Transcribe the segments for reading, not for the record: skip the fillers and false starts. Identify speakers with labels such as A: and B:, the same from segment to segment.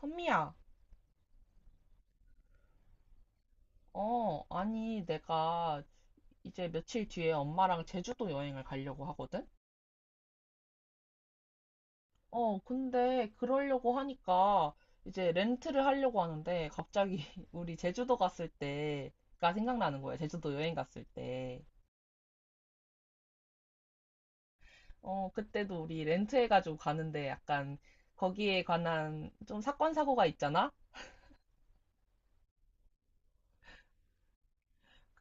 A: 선미야, 아니, 내가 이제 며칠 뒤에 엄마랑 제주도 여행을 가려고 하거든? 근데 그러려고 하니까 이제 렌트를 하려고 하는데 갑자기 우리 제주도 갔을 때가 생각나는 거야. 제주도 여행 갔을 때. 그때도 우리 렌트해가지고 가는데 약간 거기에 관한 좀 사건, 사고가 있잖아?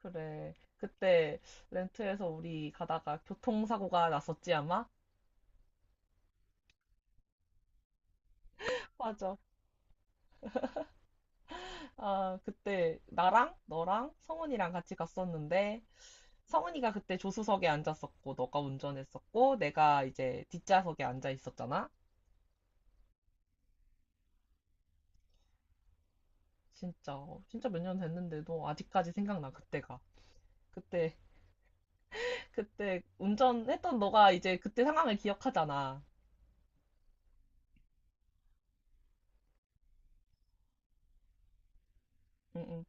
A: 그래. 그때 렌트해서 우리 가다가 교통사고가 났었지, 아마? 맞아. 아, 그때 나랑 너랑 성훈이랑 같이 갔었는데 성훈이가 그때 조수석에 앉았었고 너가 운전했었고 내가 이제 뒷좌석에 앉아 있었잖아. 진짜 진짜 몇 년 됐는데도 아직까지 생각나 그때가. 그때 그때 운전했던 너가 이제 그때 상황을 기억하잖아. 응응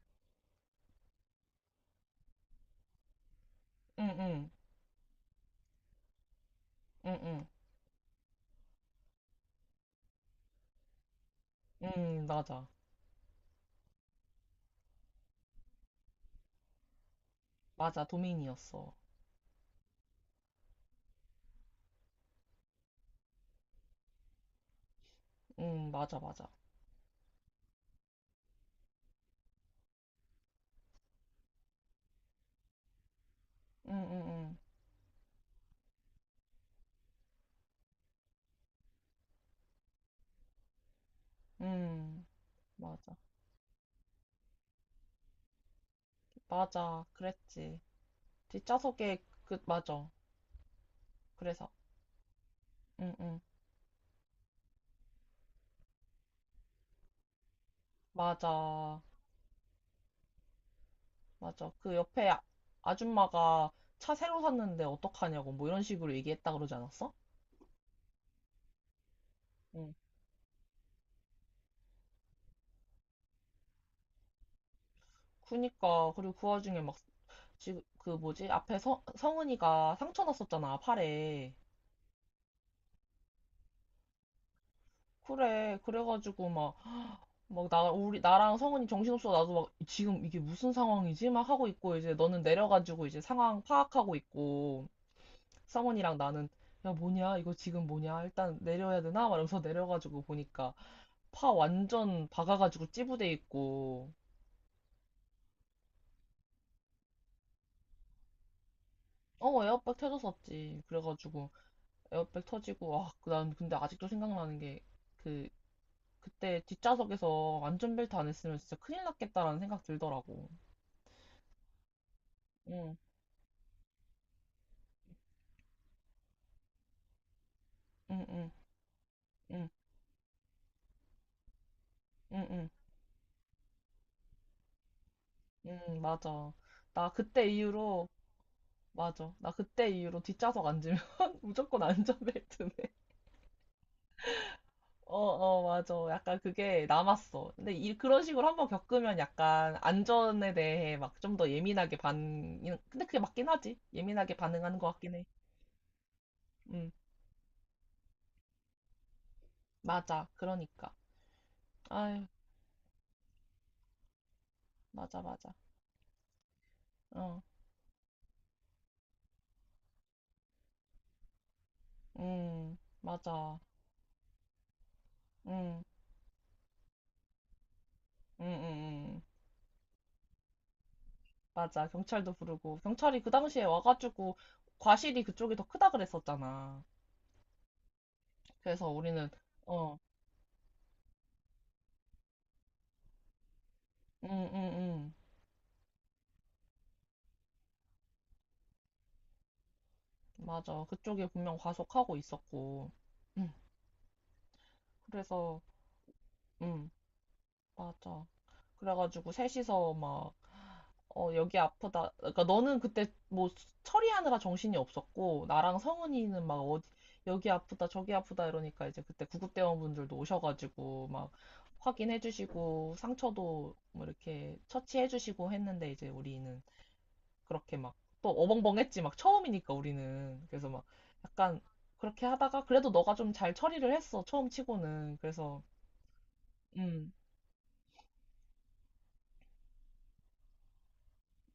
A: 응응 응응 응 응, 응. 응, 맞아 맞아 도민이었어. 응 맞아 맞아 응응응 응 응, 응. 맞아 맞아 그랬지 뒷좌석에 그 맞아 그래서 응응 맞아 맞아 그 옆에 아줌마가 차 새로 샀는데 어떡하냐고 뭐 이런 식으로 얘기했다 그러지 않았어? 응 그니까 그리고 그 와중에 막 지금 그 뭐지 앞에 성은이가 상처 났었잖아 팔에 그래 그래가지고 막 막 나 우리 나랑 성은이 정신없어 나도 막 지금 이게 무슨 상황이지 막 하고 있고 이제 너는 내려가지고 이제 상황 파악하고 있고 성원이랑 나는 야 뭐냐 이거 지금 뭐냐 일단 내려야 되나? 막 이러면서 내려가지고 보니까 파 완전 박아가지고 찌부돼 있고 어 에어백 터졌었지 그래가지고 에어백 터지고 아난 근데 아직도 생각나는 게 그 그때 뒷좌석에서 안전벨트 안 했으면 진짜 큰일 났겠다라는 생각 들더라고 응 응 응 응 응 응 응 나 그때 이후로 맞아 나 그때 이후로 뒷좌석 앉으면 무조건 안전벨트네 어, 어, 맞아. 약간 그게 남았어. 근데 그런 식으로 한번 겪으면 약간 안전에 대해 막 좀 더 예민하게 반, 근데 그게 맞긴 하지. 예민하게 반응하는 것 같긴 해. 음, 맞아. 그러니까. 아유, 맞아, 맞아. 어, 맞아. 음, 음, 음, 음. 맞아. 경찰도 부르고. 경찰이 그 당시에 와가지고 과실이 그쪽이 더 크다 그랬었잖아. 그래서 우리는, 어, 음, 음, 음. 맞아. 그쪽에 분명 과속하고 있었고. 음. 그래서 응 맞아 그래가지고 셋이서 막 어, 여기 아프다 그러니까 너는 그때 뭐 처리하느라 정신이 없었고 나랑 성은이는 막 어디 여기 아프다 저기 아프다 이러니까 이제 그때 구급대원분들도 오셔가지고 막 확인해주시고 상처도 뭐 이렇게 처치해주시고 했는데 이제 우리는 그렇게 막 또 어벙벙했지 막 처음이니까 우리는 그래서 막 약간 그렇게 하다가 그래도 너가 좀 잘 처리를 했어 처음 치고는 그래서 음,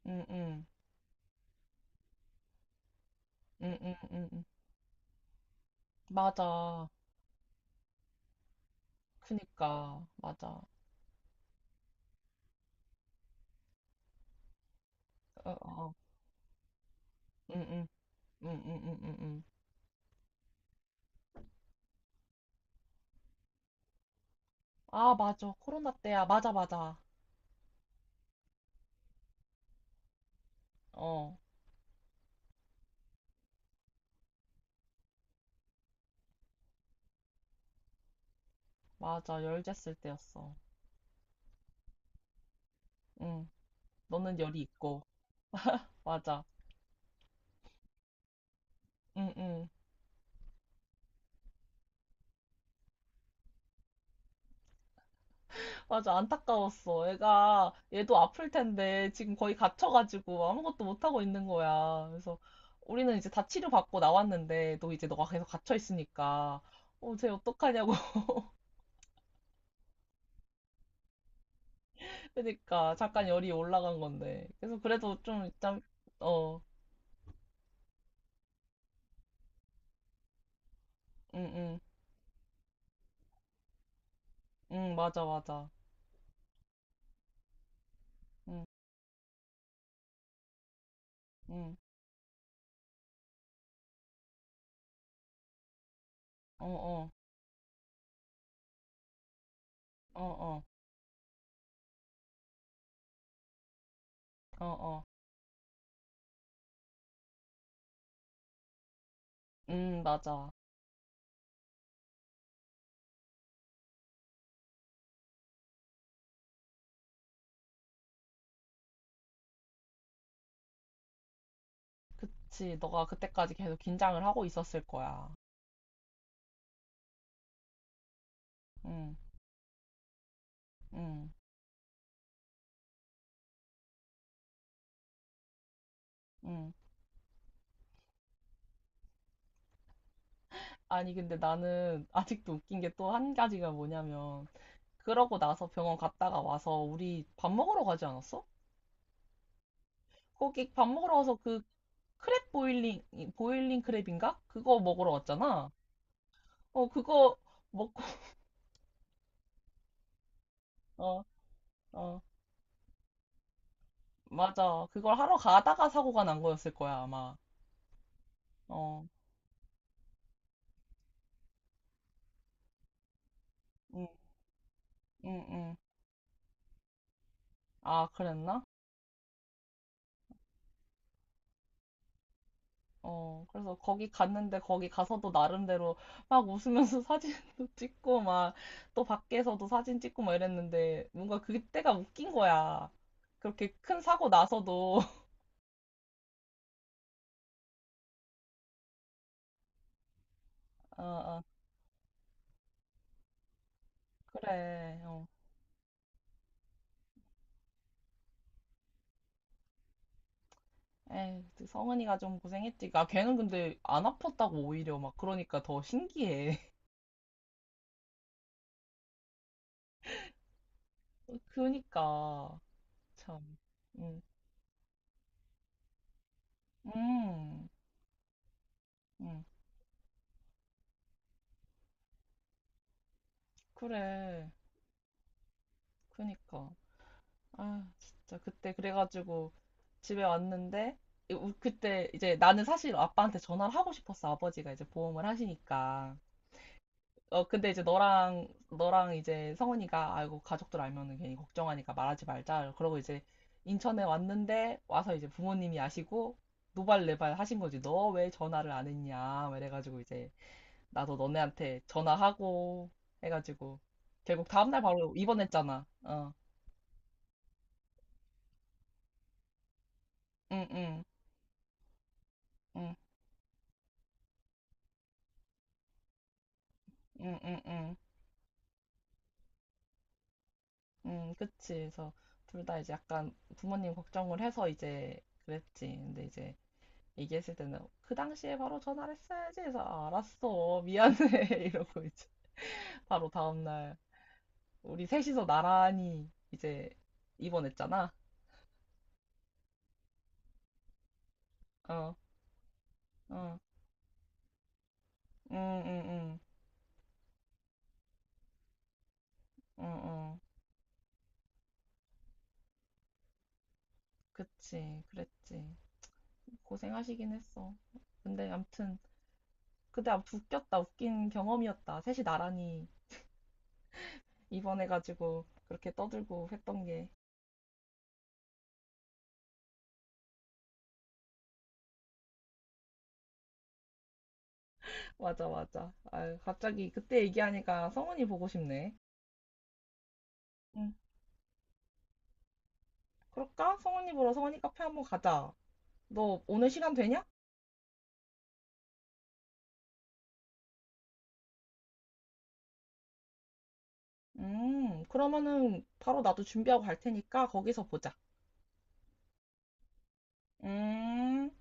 A: 음, 음. 응, 응, 응, 응. 맞아. 그니까, 맞아. 어, 어, 응, 응, 응, 응, 응, 응. 응. 아, 맞아. 코로나 때야. 맞아, 맞아. 어, 맞아. 열됐을 때였어. 응. 너는 열이 있고. 맞아. 응, 응. 맞아. 안타까웠어. 애가, 얘도 아플 텐데, 지금 거의 갇혀가지고 아무것도 못하고 있는 거야. 그래서 우리는 이제 다 치료받고 나왔는데, 너 이제 너가 계속 갇혀있으니까, 어, 쟤 어떡하냐고 그니까 잠깐 열이 올라간 건데. 그래서 그래도 좀 일단 어, 응, 응, 응, 맞아, 맞아, 응, 응, 어, 어, 어, 어, 어, 어, 응, 맞아. 그치, 너가 그때까지 계속 긴장을 하고 있었을 거야. 응, 응, 응. 아니 근데 나는 아직도 웃긴 게 또 한 가지가 뭐냐면 그러고 나서 병원 갔다가 와서 우리 밥 먹으러 가지 않았어? 거기 밥 먹으러 와서 크랩 보일링 보일링 크랩인가? 그거 먹으러 왔잖아. 어, 그거 먹고, 어, 어, 맞아. 그걸 하러 가다가 사고가 난 거였을 거야, 아마. 어, 응, 응, 응. 아, 그랬나? 어, 그래서 거기 갔는데 거기 가서도 나름대로 막 웃으면서 사진도 찍고 막 또 밖에서도 사진 찍고 막 이랬는데 뭔가 그때가 웃긴 거야. 그렇게 큰 사고 나서도. 어, 어, 그래. 어. 에이, 성은이가 좀 고생했지. 아, 걔는 근데 안 아팠다고 오히려 막 그러니까 더 신기해. 그니까 참. 음. 음. 음. 그래. 그니까. 아, 진짜 그때 그래가지고 집에 왔는데 그때 이제 나는 사실 아빠한테 전화를 하고 싶었어. 아버지가 이제 보험을 하시니까. 어, 근데 이제 너랑 이제 성훈이가 아이고 가족들 알면은 괜히 걱정하니까 말하지 말자. 그러고 이제 인천에 왔는데 와서 이제 부모님이 아시고 노발레발 하신 거지. 너 왜 전화를 안 했냐? 막 이래가지고 이제 나도 너네한테 전화하고 해가지고 결국 다음날 바로 입원했잖아. 어, 응, 응, 응, 응, 응, 응, 응, 그치. 그래서 둘다 이제 약간 부모님 걱정을 해서 이제 그랬지. 근데 이제 얘기했을 때는 그 당시에 바로 전화를 했어야지 해서 아, 알았어, 미안해 이러고 이제 바로 다음날 우리 셋이서 나란히 이제 입원했잖아. 어, 어, 응, 응, 응, 응, 응, 그치, 그랬지. 고생하시긴 했어. 근데 암튼 그때 암튼 웃겼다. 웃긴 경험이었다. 셋이 나란히 입원해가지고 그렇게 떠들고 했던 게 맞아 맞아. 아유, 갑자기 그때 얘기하니까 성훈이 보고 싶네. 응. 그럴까? 성훈이 보러 성훈이 카페 한번 가자. 너 오늘 시간 되냐? 그러면은 바로 나도 준비하고 갈 테니까 거기서 보자. 음.